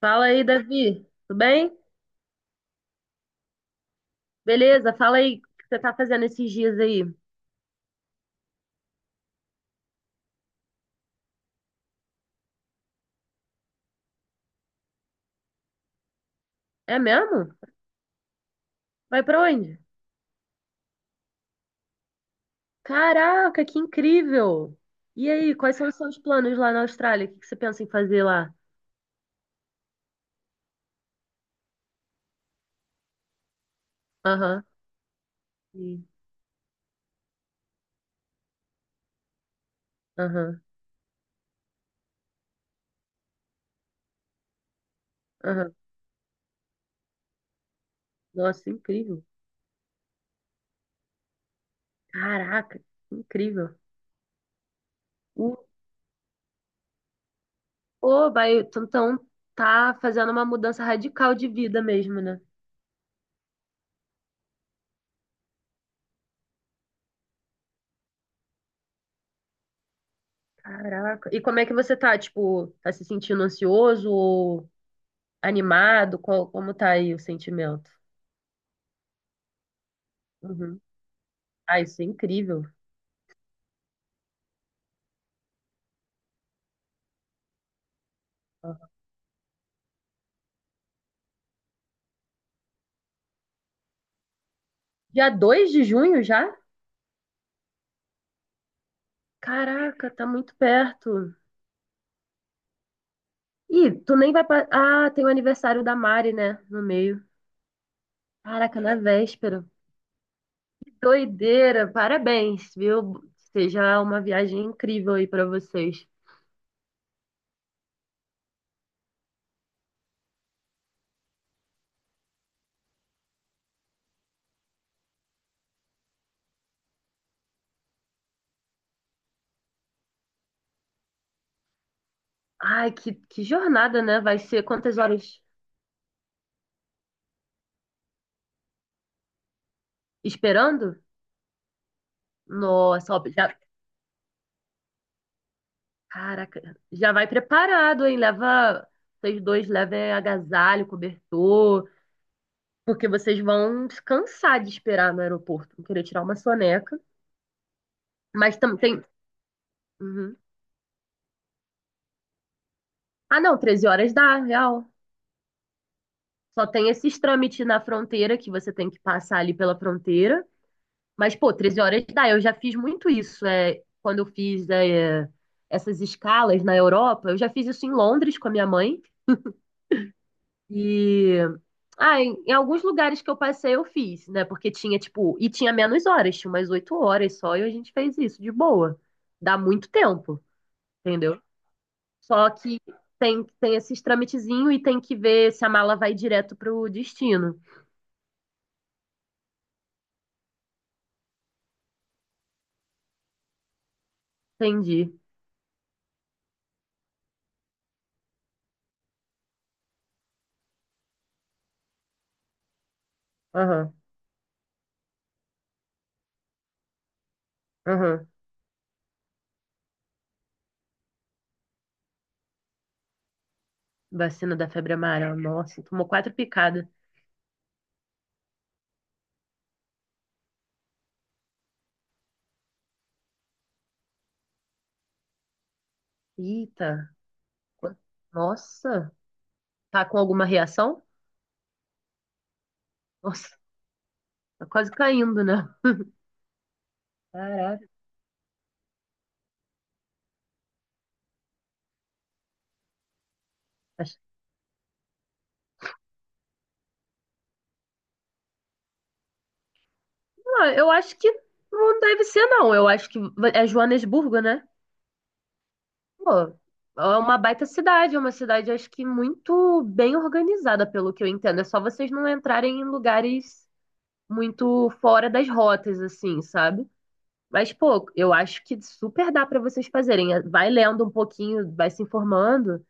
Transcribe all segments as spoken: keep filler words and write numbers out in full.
Fala aí, Davi. Tudo bem? Beleza, fala aí o que você tá fazendo esses dias aí. É mesmo? Vai pra onde? Caraca, que incrível! E aí, quais são os seus planos lá na Austrália? O que que você pensa em fazer lá? Aham, sim. Aham, aham. Nossa, incrível. Caraca, incrível. Uh, Pô, vai, tu então tá fazendo uma mudança radical de vida mesmo, né? Caraca. E como é que você tá? Tipo, tá se sentindo ansioso ou animado? Qual, como tá aí o sentimento? Uhum. Ah, isso é incrível. Dia dois de junho já? Caraca, tá muito perto. Ih, tu nem vai. pa- Ah, tem o aniversário da Mari, né? No meio. Caraca, na véspera. Que doideira. Parabéns, viu? Seja uma viagem incrível aí pra vocês. Ai, que, que jornada, né? Vai ser quantas horas esperando? Nossa, ó, já, caraca. Já vai preparado, hein? Leva. Vocês dois levem agasalho, cobertor. Porque vocês vão se cansar de esperar no aeroporto, vão querer tirar uma soneca. Mas também tem. Uhum. Ah, não, treze horas dá, real. Só tem esses trâmites na fronteira que você tem que passar ali pela fronteira. Mas, pô, treze horas dá. Eu já fiz muito isso. É, quando eu fiz é, essas escalas na Europa, eu já fiz isso em Londres com a minha mãe. E. Ah, em, em alguns lugares que eu passei, eu fiz, né? Porque tinha, tipo. E tinha menos horas, tinha umas oito horas só, e a gente fez isso de boa. Dá muito tempo. Entendeu? Só que tem, tem esses trâmitezinho e tem que ver se a mala vai direto pro destino. Entendi. Aham, aham. Vacina da febre amarela. Nossa, tomou quatro picadas. Eita. qu- Nossa. Tá com alguma reação? Nossa, tá quase caindo, né? Caraca. Acho- Ah, eu acho que não deve ser, não. Eu acho que va- é Joanesburgo, né? Pô, é uma baita cidade. É uma cidade, acho que muito bem organizada, pelo que eu entendo. É só vocês não entrarem em lugares muito fora das rotas, assim, sabe? Mas, pô, eu acho que super dá pra vocês fazerem. É, vai lendo um pouquinho, vai se informando.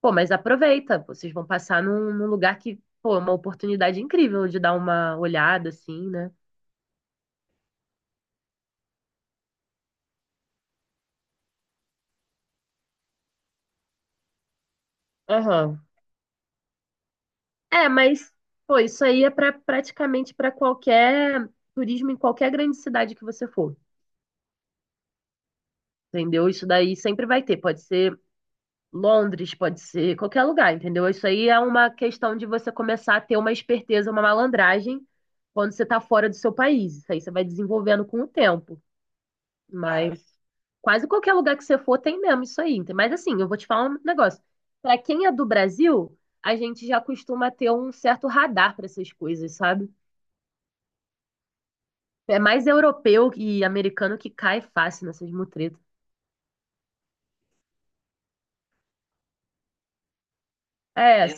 Pô, mas aproveita. Vocês vão passar num, num lugar que, pô, é uma oportunidade incrível de dar uma olhada, assim, né? Aham. É, mas, pô, isso aí é pra, praticamente para qualquer turismo em qualquer grande cidade que você for. Entendeu? Isso daí sempre vai ter. Pode ser. Londres pode ser qualquer lugar, entendeu? Isso aí é uma questão de você começar a ter uma esperteza, uma malandragem quando você tá fora do seu país. Isso aí você vai desenvolvendo com o tempo. É. Mas quase qualquer lugar que você for tem mesmo isso aí. Mas assim, eu vou te falar um negócio. Pra quem é do Brasil, a gente já costuma ter um certo radar pra essas coisas, sabe? É mais europeu e americano que cai fácil nessas mutretas. É,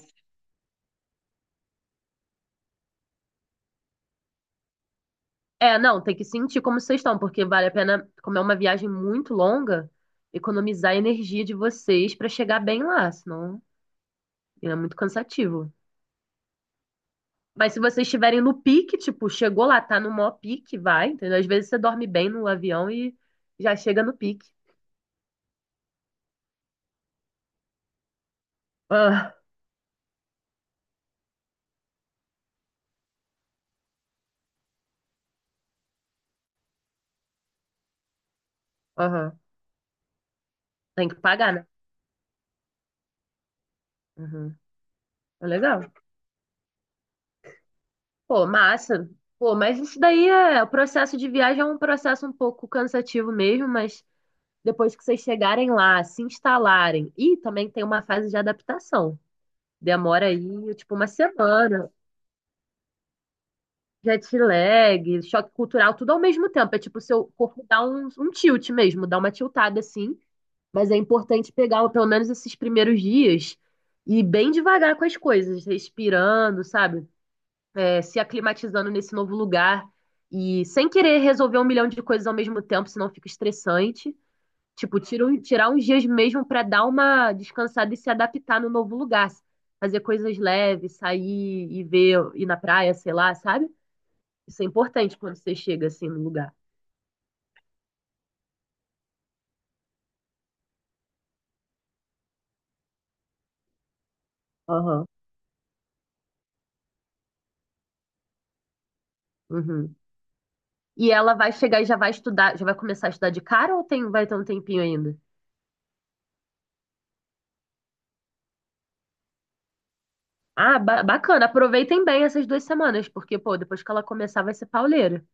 é, não, tem que sentir como vocês estão, porque vale a pena, como é uma viagem muito longa, economizar a energia de vocês pra chegar bem lá, senão é muito cansativo. Mas se vocês estiverem no pique, tipo, chegou lá, tá no maior pique, vai, entendeu? Às vezes você dorme bem no avião e já chega no pique. Ah, aham, tem que pagar, né? Uhum. É legal. Pô, massa. Pô, mas isso daí é, o processo de viagem é um processo um pouco cansativo mesmo, mas depois que vocês chegarem lá, se instalarem, e também tem uma fase de adaptação. Demora aí, tipo, uma semana, jet lag, choque cultural, tudo ao mesmo tempo. É tipo, o seu corpo dá um, um tilt mesmo, dá uma tiltada assim, mas é importante pegar pelo menos esses primeiros dias e ir bem devagar com as coisas, respirando, sabe? É, se aclimatizando nesse novo lugar e sem querer resolver um milhão de coisas ao mesmo tempo, senão fica estressante. Tipo, tira um- tirar uns dias mesmo pra dar uma descansada e se adaptar no novo lugar. Fazer coisas leves, sair e ver, ir na praia, sei lá, sabe? Isso é importante quando você chega assim no lugar. Aham. Uhum. E ela vai chegar e já vai estudar, já vai começar a estudar de cara ou tem, vai ter um tempinho ainda? Ah, ba- bacana. Aproveitem bem essas duas semanas, porque, pô, depois que ela começar vai ser pauleira.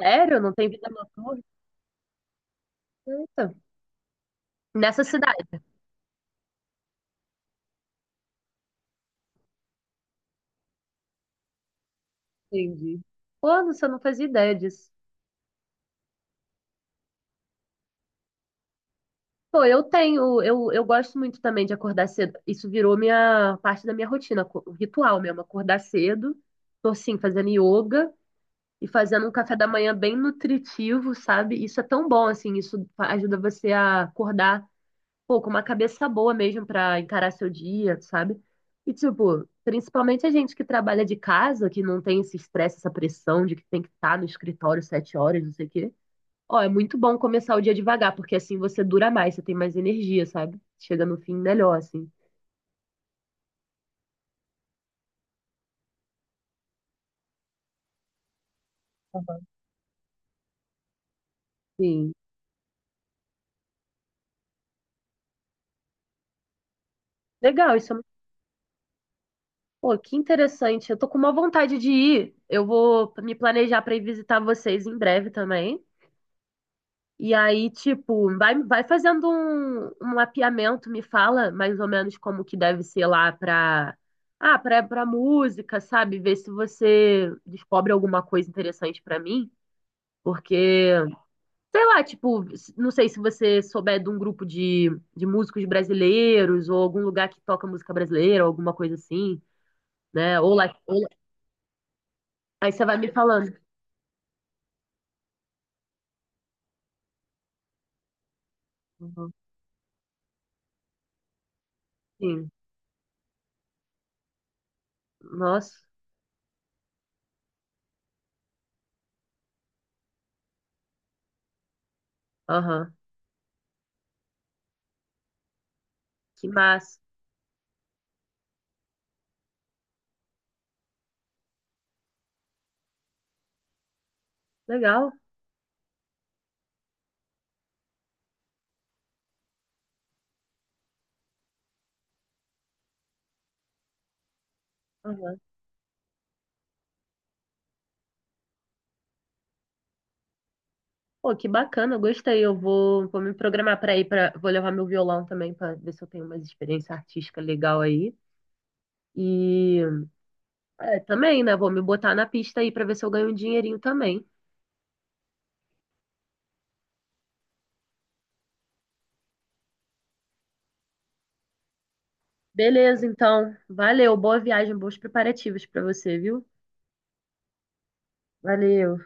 Sério? Não tem vida noturna? Eita. Nessa cidade, entendi. Pô, não, você não fazia ideia disso. Pô, eu tenho, eu, eu gosto muito também de acordar cedo. Isso virou minha parte da minha rotina, co- ritual mesmo, acordar cedo. Tô assim, fazendo yoga e fazendo um café da manhã bem nutritivo, sabe? Isso é tão bom assim, isso fa- ajuda você a acordar, pô, com uma cabeça boa mesmo pra encarar seu dia, sabe? E tipo, principalmente a gente que trabalha de casa, que não tem esse estresse, essa pressão de que tem que estar no escritório sete horas, não sei o quê. Ó, é muito bom começar o dia devagar, porque assim você dura mais, você tem mais energia, sabe? Chega no fim melhor, assim. Sim. Legal, isso é muito... Pô, que interessante. Eu tô com uma vontade de ir. Eu vou me planejar pra ir visitar vocês em breve também. E aí, tipo, vai, vai fazendo um, um mapeamento, me fala mais ou menos como que deve ser lá pra, ah, pra, pra música, sabe? Ver se você descobre alguma coisa interessante pra mim, porque sei lá, tipo, não sei se você souber de um grupo de, de músicos brasileiros ou algum lugar que toca música brasileira, ou alguma coisa assim, né? Ou lá, ou- aí você vai me falando. Uhum. Sim. Nossa. Aham. Que massa. Legal. Aham. Pô, que bacana, eu gostei. Eu vou, vou me programar para ir para, vou levar meu violão também para ver se eu tenho uma experiência artística legal aí. E é, também, né? Vou me botar na pista aí para ver se eu ganho um dinheirinho também. Beleza, então. Valeu. Boa viagem, bons preparativos para você, viu? Valeu.